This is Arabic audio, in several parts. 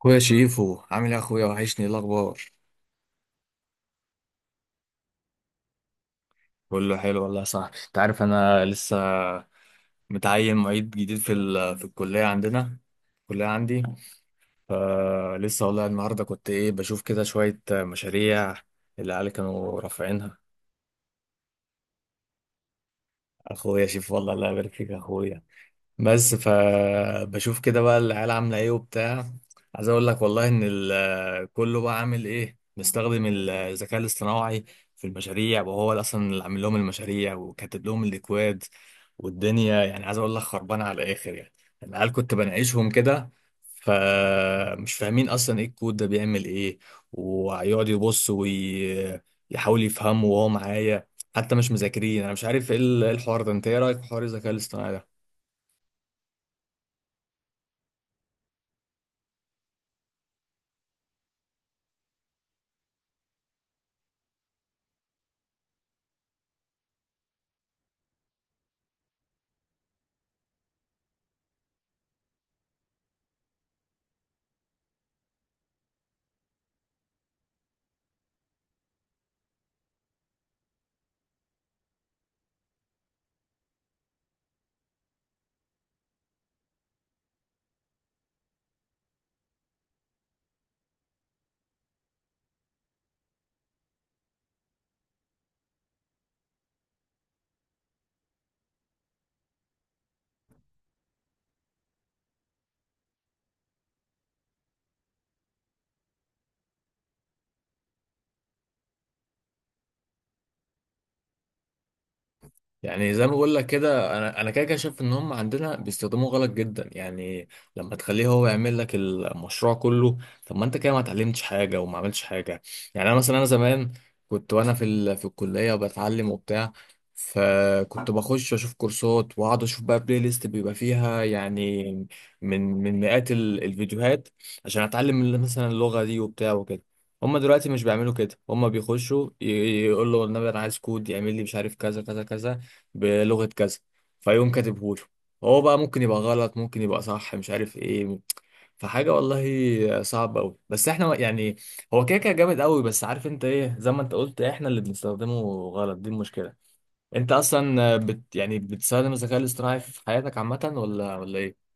اخويا شيفو، عامل ايه يا اخويا؟ وحشني. إيه الاخبار؟ كله حلو والله يا صاحبي. انت عارف انا لسه متعين معيد جديد في الكليه عندنا، الكليه عندي. فلسه والله النهارده كنت ايه بشوف كده شويه مشاريع اللي العيال كانوا رافعينها. اخويا شيفو، والله الله يبارك فيك يا اخويا. بس فبشوف كده بقى العيال عامله ايه وبتاع. عايز اقول لك والله ان كله بقى عامل ايه مستخدم الذكاء الاصطناعي في المشاريع، وهو اللي اصلا عامل لهم المشاريع وكاتب لهم الاكواد. والدنيا يعني عايز اقول لك خربانه على الاخر يعني. العيال كنت بناقشهم كده فمش فاهمين اصلا ايه الكود ده بيعمل ايه، ويقعد يبص ويحاول يفهمه وهو معايا، حتى مش مذاكرين. انا مش عارف ايه إيه الحوار ده. انت ايه رايك في حوار الذكاء الاصطناعي ده؟ يعني زي ما بقول لك كده انا كده كده شايف ان هم عندنا بيستخدموه غلط جدا يعني. لما تخليه هو يعمل لك المشروع كله، طب ما انت كده ما اتعلمتش حاجه وما عملتش حاجه. يعني انا مثلا، انا زمان كنت وانا في الكليه وبتعلم وبتاع، فكنت بخش اشوف كورسات واقعد اشوف بقى بلاي ليست بيبقى فيها يعني من مئات الفيديوهات، عشان اتعلم مثلا اللغه دي وبتاع وكده. هما دلوقتي مش بيعملوا كده، هما بيخشوا يقول له النبي انا عايز كود يعمل لي مش عارف كذا كذا كذا بلغة كذا، فيقوم كاتبهوله. هو بقى ممكن يبقى غلط، ممكن يبقى صح، مش عارف ايه. فحاجة والله صعبة أوي، بس احنا يعني هو كده كده جامد أوي. بس عارف انت ايه، زي ما انت قلت احنا اللي بنستخدمه غلط، دي المشكلة. انت اصلا يعني بتستخدم الذكاء الاصطناعي في حياتك عامة ولا ايه؟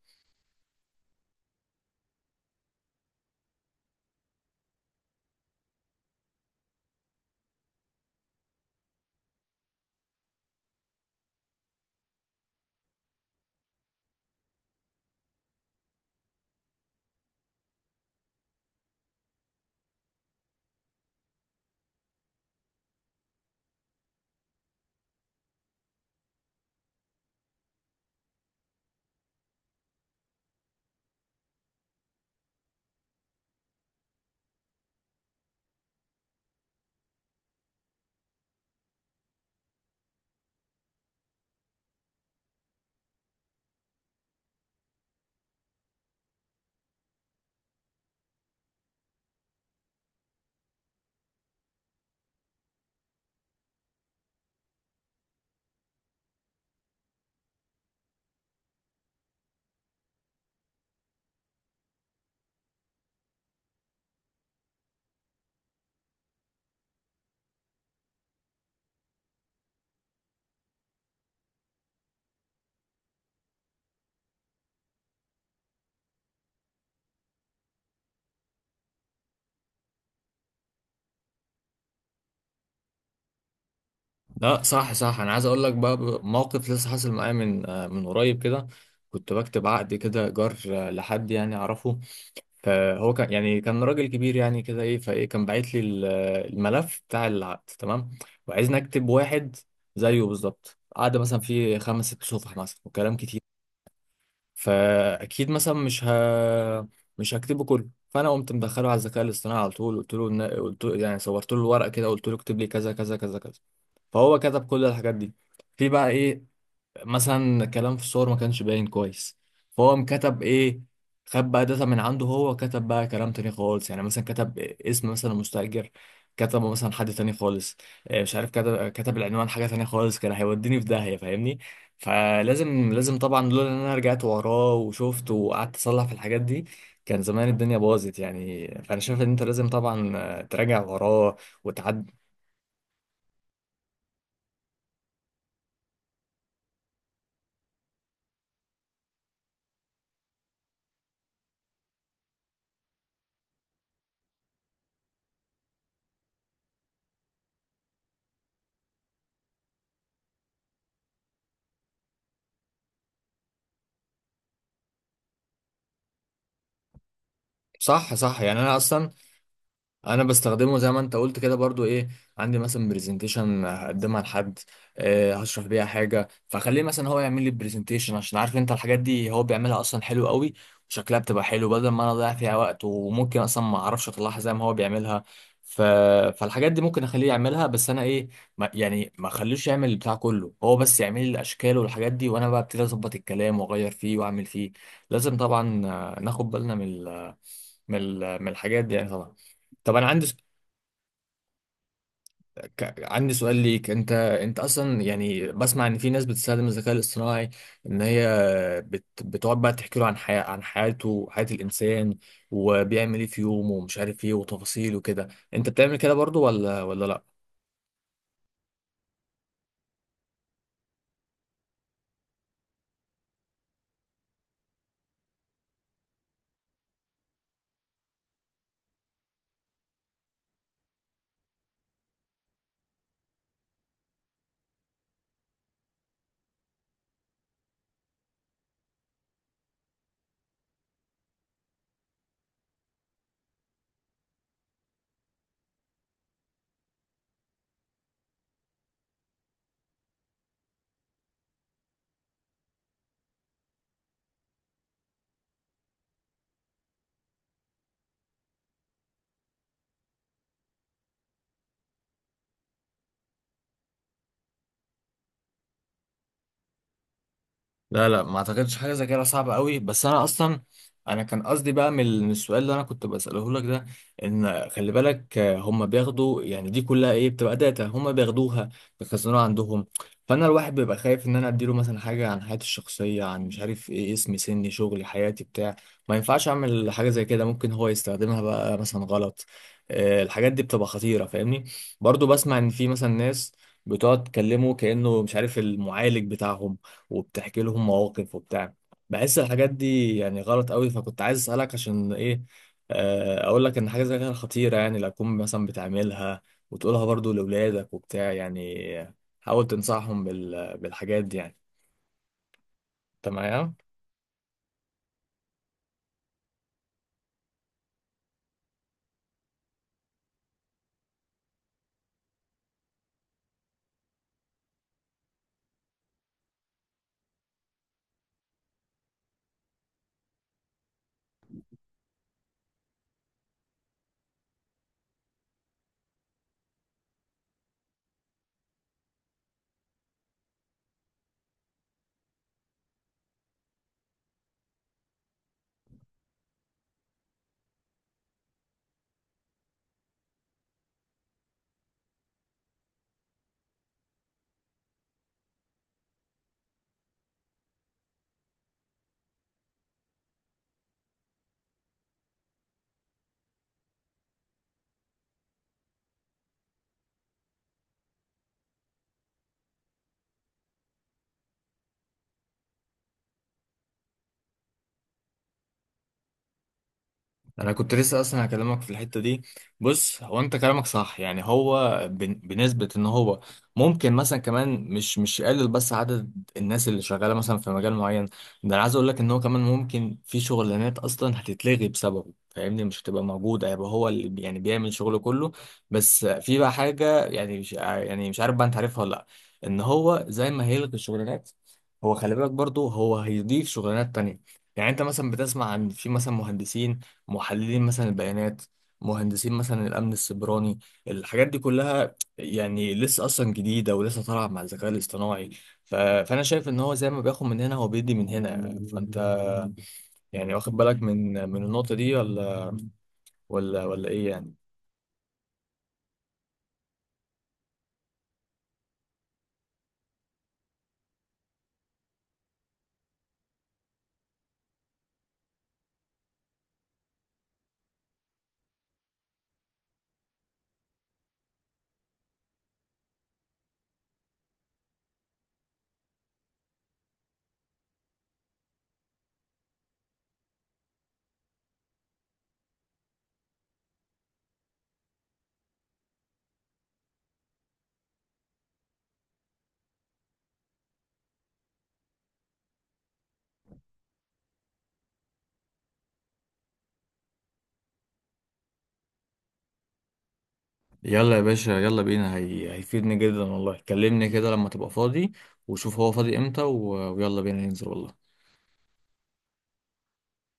لا، صح صح، انا عايز اقول لك بقى موقف لسه حاصل معايا من من قريب كده. كنت بكتب عقد كده ايجار لحد يعني اعرفه، فهو كان يعني راجل كبير يعني كده ايه فايه. كان باعت لي الملف بتاع العقد تمام، وعايزني اكتب واحد زيه بالظبط. قعد مثلا فيه 5 6 صفح مثلا وكلام كتير، فاكيد مثلا مش هكتبه كله. فانا قمت مدخله على الذكاء الاصطناعي على طول، قلت له يعني صورت له الورقه كده، قلت له اكتب لي كذا كذا كذا كذا. فهو كتب كل الحاجات دي. في بقى ايه، مثلا كلام في الصور ما كانش باين كويس، فهو مكتب ايه؟ خد بقى داتا من عنده، هو كتب بقى كلام تاني خالص. يعني مثلا كتب اسم مثلا مستأجر كتبه مثلا حد تاني خالص. مش عارف، كتب العنوان حاجة تانية خالص. كان هيوديني في داهية، فاهمني؟ فلازم، لازم طبعا، لولا ان انا رجعت وراه وشفت وقعدت اصلح في الحاجات دي، كان زمان الدنيا باظت يعني. فانا شايف ان انت لازم طبعا تراجع وراه وتعد. صح، صح. يعني انا اصلا انا بستخدمه زي ما انت قلت كده برضو ايه، عندي مثلا برزنتيشن هقدمها لحد، هشرح بيها حاجه، فخليه مثلا هو يعمل لي البرزنتيشن، عشان عارف انت الحاجات دي هو بيعملها اصلا حلو قوي، وشكلها بتبقى حلو، بدل ما انا اضيع فيها وقت وممكن اصلا ما اعرفش اطلعها زي ما هو بيعملها. ف... فالحاجات دي ممكن اخليه يعملها، بس انا ايه، ما يعني ما اخليش يعمل البتاع كله. هو بس يعمل لي الاشكال والحاجات دي، وانا بقى ابتدي اظبط الكلام واغير فيه واعمل فيه. لازم طبعا ناخد بالنا من من الحاجات دي يعني طبعا. طب انا عندي عندي سؤال ليك. انت اصلا يعني بسمع ان في ناس بتستخدم الذكاء الاصطناعي، ان هي بتقعد بقى تحكي له عن عن حياته، حياة الانسان، وبيعمل ايه في يومه ومش عارف ايه وتفاصيل وكده. انت بتعمل كده برضو ولا لا؟ لا، لا، ما اعتقدش حاجه زي كده صعبه قوي. بس انا اصلا انا كان قصدي بقى من من السؤال اللي انا كنت بساله لك ده، ان خلي بالك هم بياخدوا يعني دي كلها ايه، بتبقى داتا هم بياخدوها بيخزنوها عندهم. فانا الواحد بيبقى خايف ان انا اديله مثلا حاجه عن حياتي الشخصيه، عن مش عارف ايه، اسمي سني شغلي حياتي بتاع. ما ينفعش اعمل حاجه زي كده، ممكن هو يستخدمها بقى مثلا غلط. الحاجات دي بتبقى خطيره، فاهمني؟ برضو بسمع ان في مثلا ناس بتقعد تكلمه كانه مش عارف المعالج بتاعهم، وبتحكي لهم مواقف وبتاع. بحس الحاجات دي يعني غلط قوي، فكنت عايز اسالك عشان ايه. اقول لك ان حاجه زي كده خطيره يعني. لو تكون مثلا بتعملها وتقولها برضو لاولادك وبتاع يعني، حاول تنصحهم بالحاجات دي يعني. انت معايا؟ انا كنت لسه اصلا هكلمك في الحته دي. بص هو انت كلامك صح. يعني هو بنسبه ان هو ممكن مثلا كمان مش يقلل بس عدد الناس اللي شغاله مثلا في مجال معين. ده انا عايز اقول لك ان هو كمان ممكن في شغلانات اصلا هتتلغي بسببه، فاهمني؟ مش هتبقى موجوده، هيبقى هو يعني بيعمل شغله كله. بس في بقى حاجه يعني مش عارف بقى، انت عارفها ولا لا؟ ان هو زي ما هيلغي الشغلانات، هو خلي بالك برضه هو هيضيف شغلانات تانية. يعني انت مثلا بتسمع عن في مثلا مهندسين، محللين مثلا البيانات، مهندسين مثلا الامن السيبراني. الحاجات دي كلها يعني لسه اصلا جديده ولسه طالعه مع الذكاء الاصطناعي. فانا شايف ان هو زي ما بياخد من هنا هو بيدي من هنا يعني. فانت يعني واخد بالك من النقطه دي ولا ايه يعني؟ يلا يا باشا، يلا بينا. هيفيدني جدا والله. كلمني كده لما تبقى فاضي، وشوف هو فاضي امتى، ويلا بينا ننزل والله.